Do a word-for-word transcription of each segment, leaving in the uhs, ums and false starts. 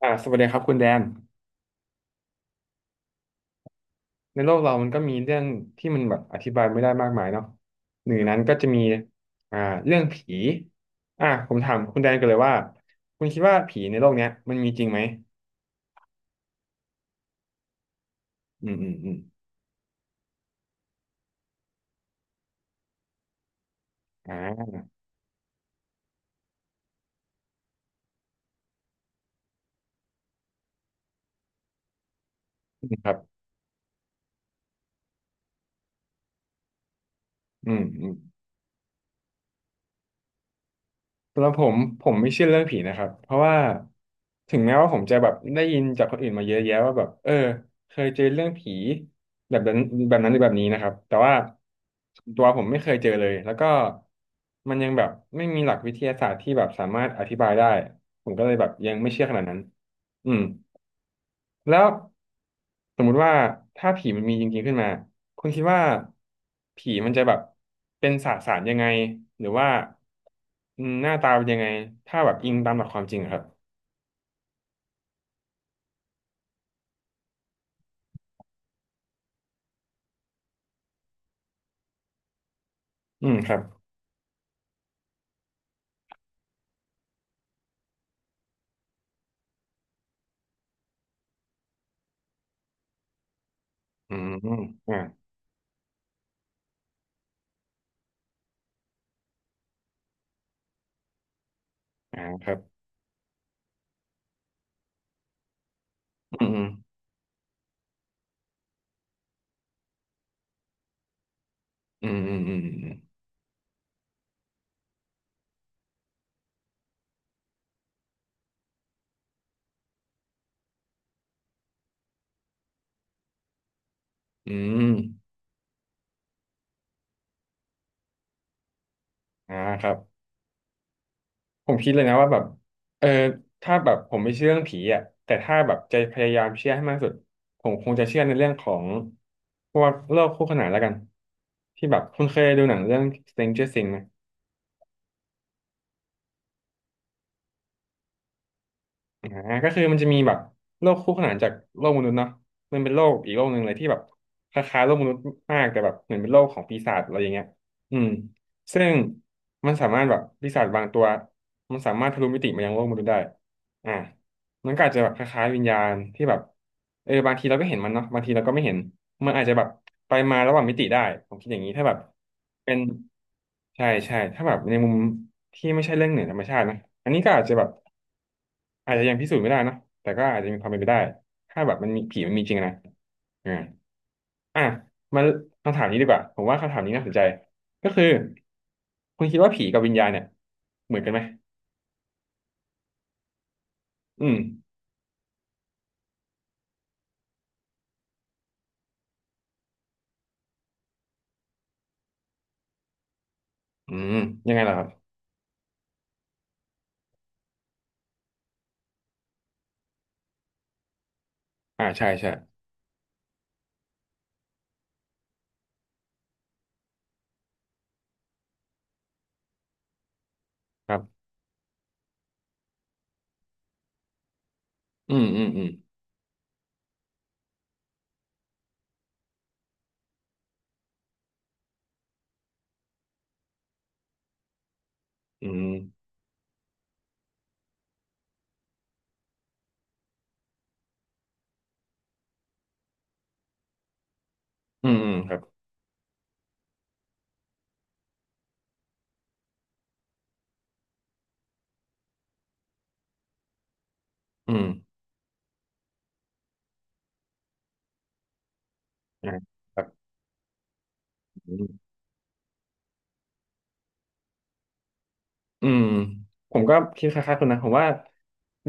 อ่าสวัสดีครับคุณแดนในโลกเรามันก็มีเรื่องที่มันแบบอธิบายไม่ได้มากมายเนาะหนึ่งในนั้นก็จะมีอ่าเรื่องผีอ่าผมถามคุณแดนกันเลยว่าคุณคิดว่าผีในโลกเนี้ยมันมีจริงไหมอืมอืมอืมอ่าครับอืมอืม สำหรับผมผมไม่เชื่อเรื่องผีนะครับเพราะว่าถึงแม้ว่าผมจะแบบได้ยินจากคนอื่นมาเยอะแยะว่าแบบเออเคยเจอเรื่องผีแบบนั้นแบบนั้นหรือแบบนี้นะครับแต่ว่าตัวผมไม่เคยเจอเลยแล้วก็มันยังแบบไม่มีหลักวิทยาศาสตร์ที่แบบสามารถอธิบายได้ผมก็เลยแบบยังไม่เชื่อขนาดนั้นอืม แล้วสมมุติว่าถ้าผีมันมีจริงๆขึ้นมาคุณคิดว่าผีมันจะแบบเป็นสสารยังไงหรือว่าอืมหน้าตาเป็นยังไงถ้าแบบอิงตามหลักความจริงอะครับอืมครับอืมอ่าอ่าครับอืมอืมอืมอืมอืมอืมอืมอ่าครับ ผมคิดเลยนะว่าแบบเออถ้าแบบผมไม่เชื่อเรื่องผีอ่ะแต่ถ้าแบบจะพยายามเชื่อให้มากที่สุดผมคงจะเชื่อในเรื่องของพวกโลกคู่ขนานแล้วกันที่แบบคุณเคยดูหนังเรื่อง Stranger Things ไหม อ่าก็คือมันจะมีแบบโลกคู่ขนานจากโลกมนุษย์เนาะมันเป็นโลกอีกโลกหนึ่งเลยที่แบบคล้ายๆโลกมนุษย์มากแต่แบบเหมือนเป็นโลกของปีศาจอะไรอย่างเงี้ยอืมซึ่งมันสามารถแบบปีศาจบางตัวมันสามารถทะลุมิติมายังโลกมนุษย์ได้อ่ามันก็อาจจะแบบคล้ายๆวิญญาณที่แบบเออบางทีเราก็เห็นมันเนาะบางทีเราก็ไม่เห็นมันอาจจะแบบไปมาระหว่างมิติได้ผมคิดอย่างนี้ถ้าแบบเป็นใช่ใช่ถ้าแบบในมุมที่ไม่ใช่เรื่องเหนือธรรมชาตินะอันนี้ก็อาจจะแบบ อาจจะยังพิสูจน์ไม่ได้นะแต่ก็อาจจะมีความเป็นไปได้ ถ้าแบบมันมีผีมันมีจริงนะอ่าอ่ะมาคำถามนี้ดีกว่าผมว่าคำถามนี้น่าสนใจก็คือ คุณคิดว่าผีกับวิญญาณเนี่ยเหมือนกันไหมอืมอืมยังไงล่ะครับอ่าใช่ใช่ครับอืมอืมอืมอืมอืมอืมครับอืมอ่าครับ อืมผมก็คิดคล้ายๆคุนะผมว่า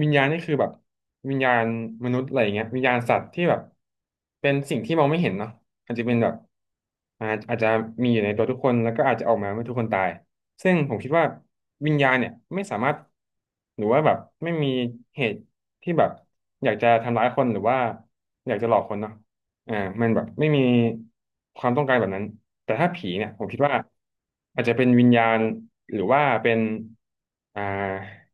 วิญญาณนี่คือแบบวิญญาณมนุษย์อะไรอย่างเงี้ยวิญญาณสัตว์ที่แบบเป็นสิ่งที่มองไม่เห็นเนาะอาจจะเป็นแบบอ่าอาจจะมีอยู่ในตัวทุกคนแล้วก็อาจจะออกมาเมื่อทุกคนตายซึ่งผมคิดว่าวิญญาณเนี่ยไม่สามารถหรือว่าแบบไม่มีเหตุที่แบบอยากจะทำร้ายคนหรือว่าอยากจะหลอกคนเนาะ อ่ามันแบบไม่มีความต้องการแบบนั้นแต่ถ้าผีเนี่ยผมคิดว่าอาจจะเป็นวิญญาณหรือว่าเป็นอ่า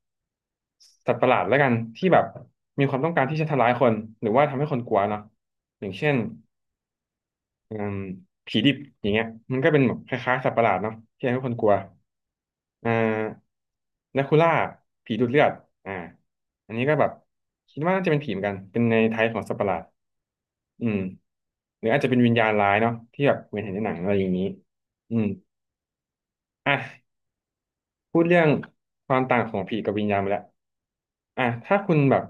สัตว์ประหลาดแล้วกันที่แบบมีความต้องการที่จะทำร้ายคนหรือว่าทำให้คนกลัวเนาะอย่างเช่นอืมผีดิบอย่างเงี้ยมันก็เป็นแบบคล้ายๆสัตว์ประหลาดเนาะที่ทำให้คนกลัวอ่าแดคูล่าผีดูดเลือดอ่าอันนี้ก็แบบคิดว่าน่าจะเป็นผีเหมือนกันเป็นในไทยของสัตว์ประหลาด อืมหรืออาจจะเป็นวิญญาณร้ายเนาะที่แบบเหมือนเห็นในหนังอะไรอย่างนี้อืมอ่ะพูดเรื่องความต่างของผีกับวิญญาณไปแล้วอ่ะถ้าคุณแบบ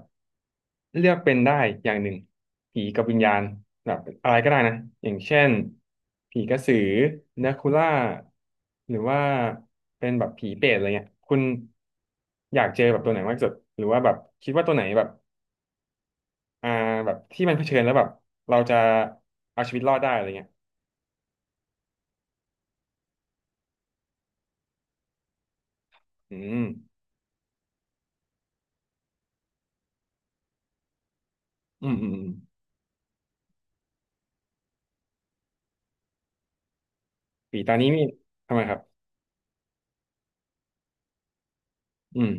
เลือกเป็นได้อย่างหนึ่งผีกับวิญญาณแบบอะไรก็ได้นะอย่างเช่นผีกระสือเนคูล่าหรือว่าเป็นแบบผีเปรตอะไรเงี้ยคุณอยากเจอแบบตัวไหนมากที่สุดหรือว่าแบบคิดว่าตัวไหนแบบอ่าแบบที่มันเผชิญแล้วแบบเราจะเอาชีวิตรอดได้อะไรเงี้ยอืม อืมอืมอืมผีตานี้นี่ทำไมครับอืม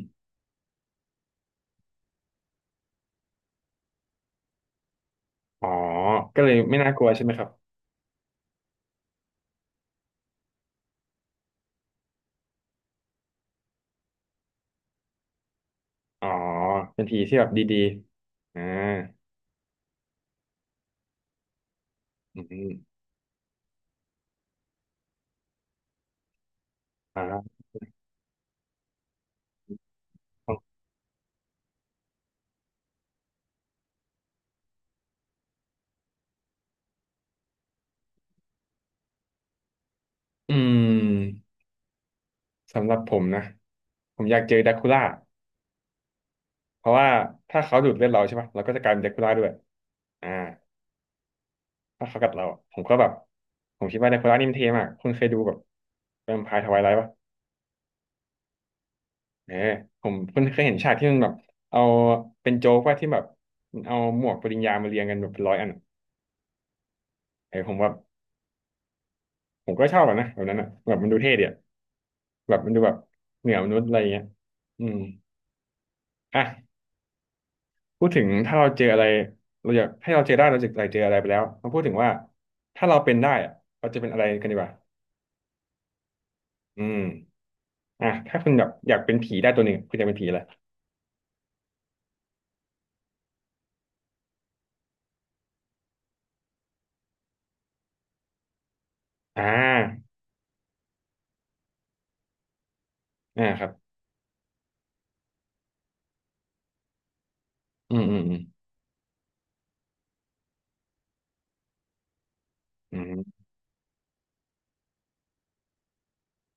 อ๋อก็เลยไม่น่ากลัวใช่ไหมครับอ๋อเป็นผีที่แบบดีๆอ่าอืมอ่าอืมสำหรับผมนะผมอยากเจอดราคูล่าเพราะว่าถ้าเขาดูดเลือดเราใช่ปะเราก็จะกลายเป็นดราคูล่าด้วยอ่าถ้าเขากัดเราผมก็แบบผมคิดว่าดราคูล่านี่มันเท่มากคุณเคยดูแบบแวมไพร์ทไวไลท์ปะเออผมคุณเคยเห็นฉากที่มันแบบเอาเป็นโจ๊กว่าที่แบบเอาหมวกปริญญามาเรียงกันแบบเป็นร้อยอัน เออผมแบบผมก็ชอบอะนะแบบนั้นอะแบบมันดูเท่ดีอะแบบมันดูแบบเหนือมนุษย์อะไรอย่างเงี้ยอืมอ่ะพูดถึงถ้าเราเจออะไรเราอยากให้เราเจอได้เราจะอยากเจออะไรไปแล้วมาพูดถึงว่าถ้าเราเป็นได้อะเราจะเป็นอะไรกันดีกว่าอืมอ่ะถ้าคุณแบบอยากเป็นผีได้ตัวหนึ่งคุณจะเป็นผีอะไรอ่าอ่าครับอืมอืมอืม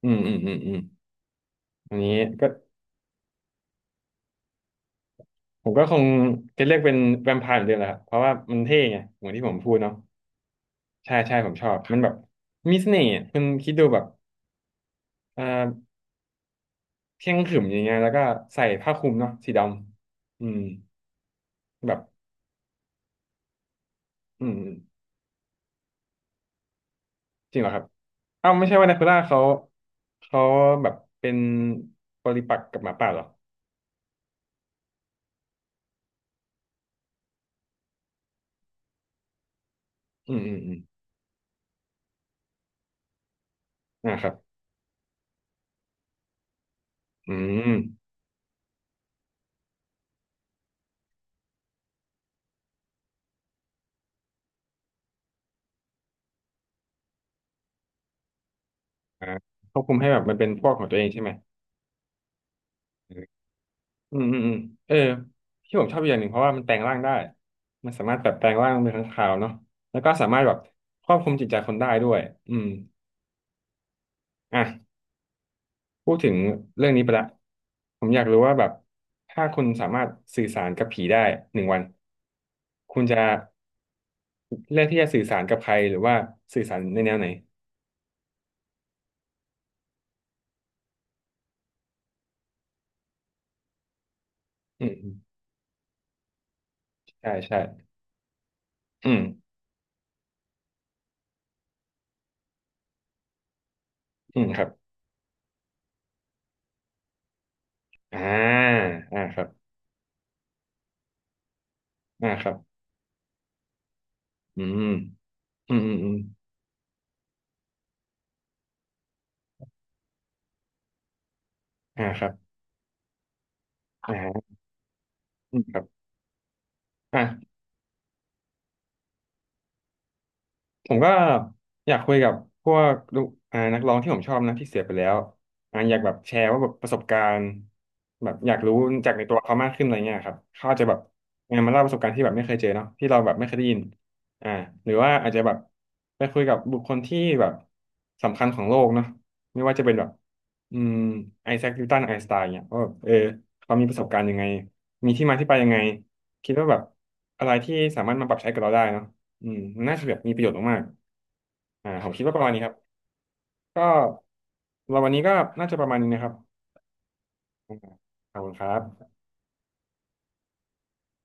อืมอืมอืมอืมอืมอันนี้ก็ผมก็คงจะเลือกเป็นแวมไพร์เหมือนเดิมแหละครับเพราะว่ามันเท่ไงเหมือนที่ผมพูดเนาะ ใช่ใช่ผมชอบมันแบบมีเสน่ห์อะคุณคิดดูแบบเอ่อเที่ยงขรึมอย่างเงี้ยแล้วก็ใส่ผ้าคลุมเนาะสีดำอืมแบบอืมจริงเหรอครับเอ้าไม่ใช่ว่านาคูล่าเขาเขาแบบเป็นปริปักษ์กับหมาป่าเหรออืมอืมอืมนะครับอืมอ่าควบคุมให้แบบมันเป็นพวกของตัวเองใช่ไหมอืมอืมอืมเออที่ผมชอบอีกอย่างหนึ่งเพราะว่ามันแปลงร่างได้มันสามารถแบบแปลงร่างเป็นค้างคาวเนาะแล้วก็สามารถแบบควบคุมจิตใจคนได้ด้วยอืม อ่ะพูดถึงเรื่องนี้ไปละผมอยากรู้ว่าแบบถ้าคุณสามารถสื่อสารกับผีได้หนึ่งวันคุณจะเลือกที่จะสื่อสารกับใครหรือว่าสื่อสารในแนวไหนอืมอืมใช่ใช่อืมอืมครับอ่าอ่าครับอ่าครับอืมอืมอืมอืมอ่าครับอ่าอืมครับอ่ะ ผมก็อยากคุยกับพวกลูกอ่านักร้องที่ผมชอบนะที่เสียไปแล้วอ่าอยากแบบแชร์ว่าแบบประสบการณ์แบบอยากรู้จากในตัวเขามากขึ้นอะไรเงี้ยครับเขาอาจจะแบบเออมาเล่าประสบการณ์ที่แบบไม่เคยเจอเนาะที่เราแบบไม่เคยได้ยินอ่าหรือว่าอาจจะแบบไปคุยกับบุคคลที่แบบสำคัญของโลกเนาะไม่ว่าจะเป็นแบบอืมไอแซคนิวตันไอน์สไตน์เนี่ยว่าแบบเออเขามีประสบการณ์ยังไงมีที่มาที่ไปยังไงคิดว่าแบบอะไรที่สามารถมาปรับใช้กับเราได้เนาะ อืมน่าจะแบบมีประโยชน์มากๆอ่าผมคิดว่าประมาณนี้ครับก็เราวันนี้ก็น่าจะประมาณนี้นะครับอ่าขอบคุณครับ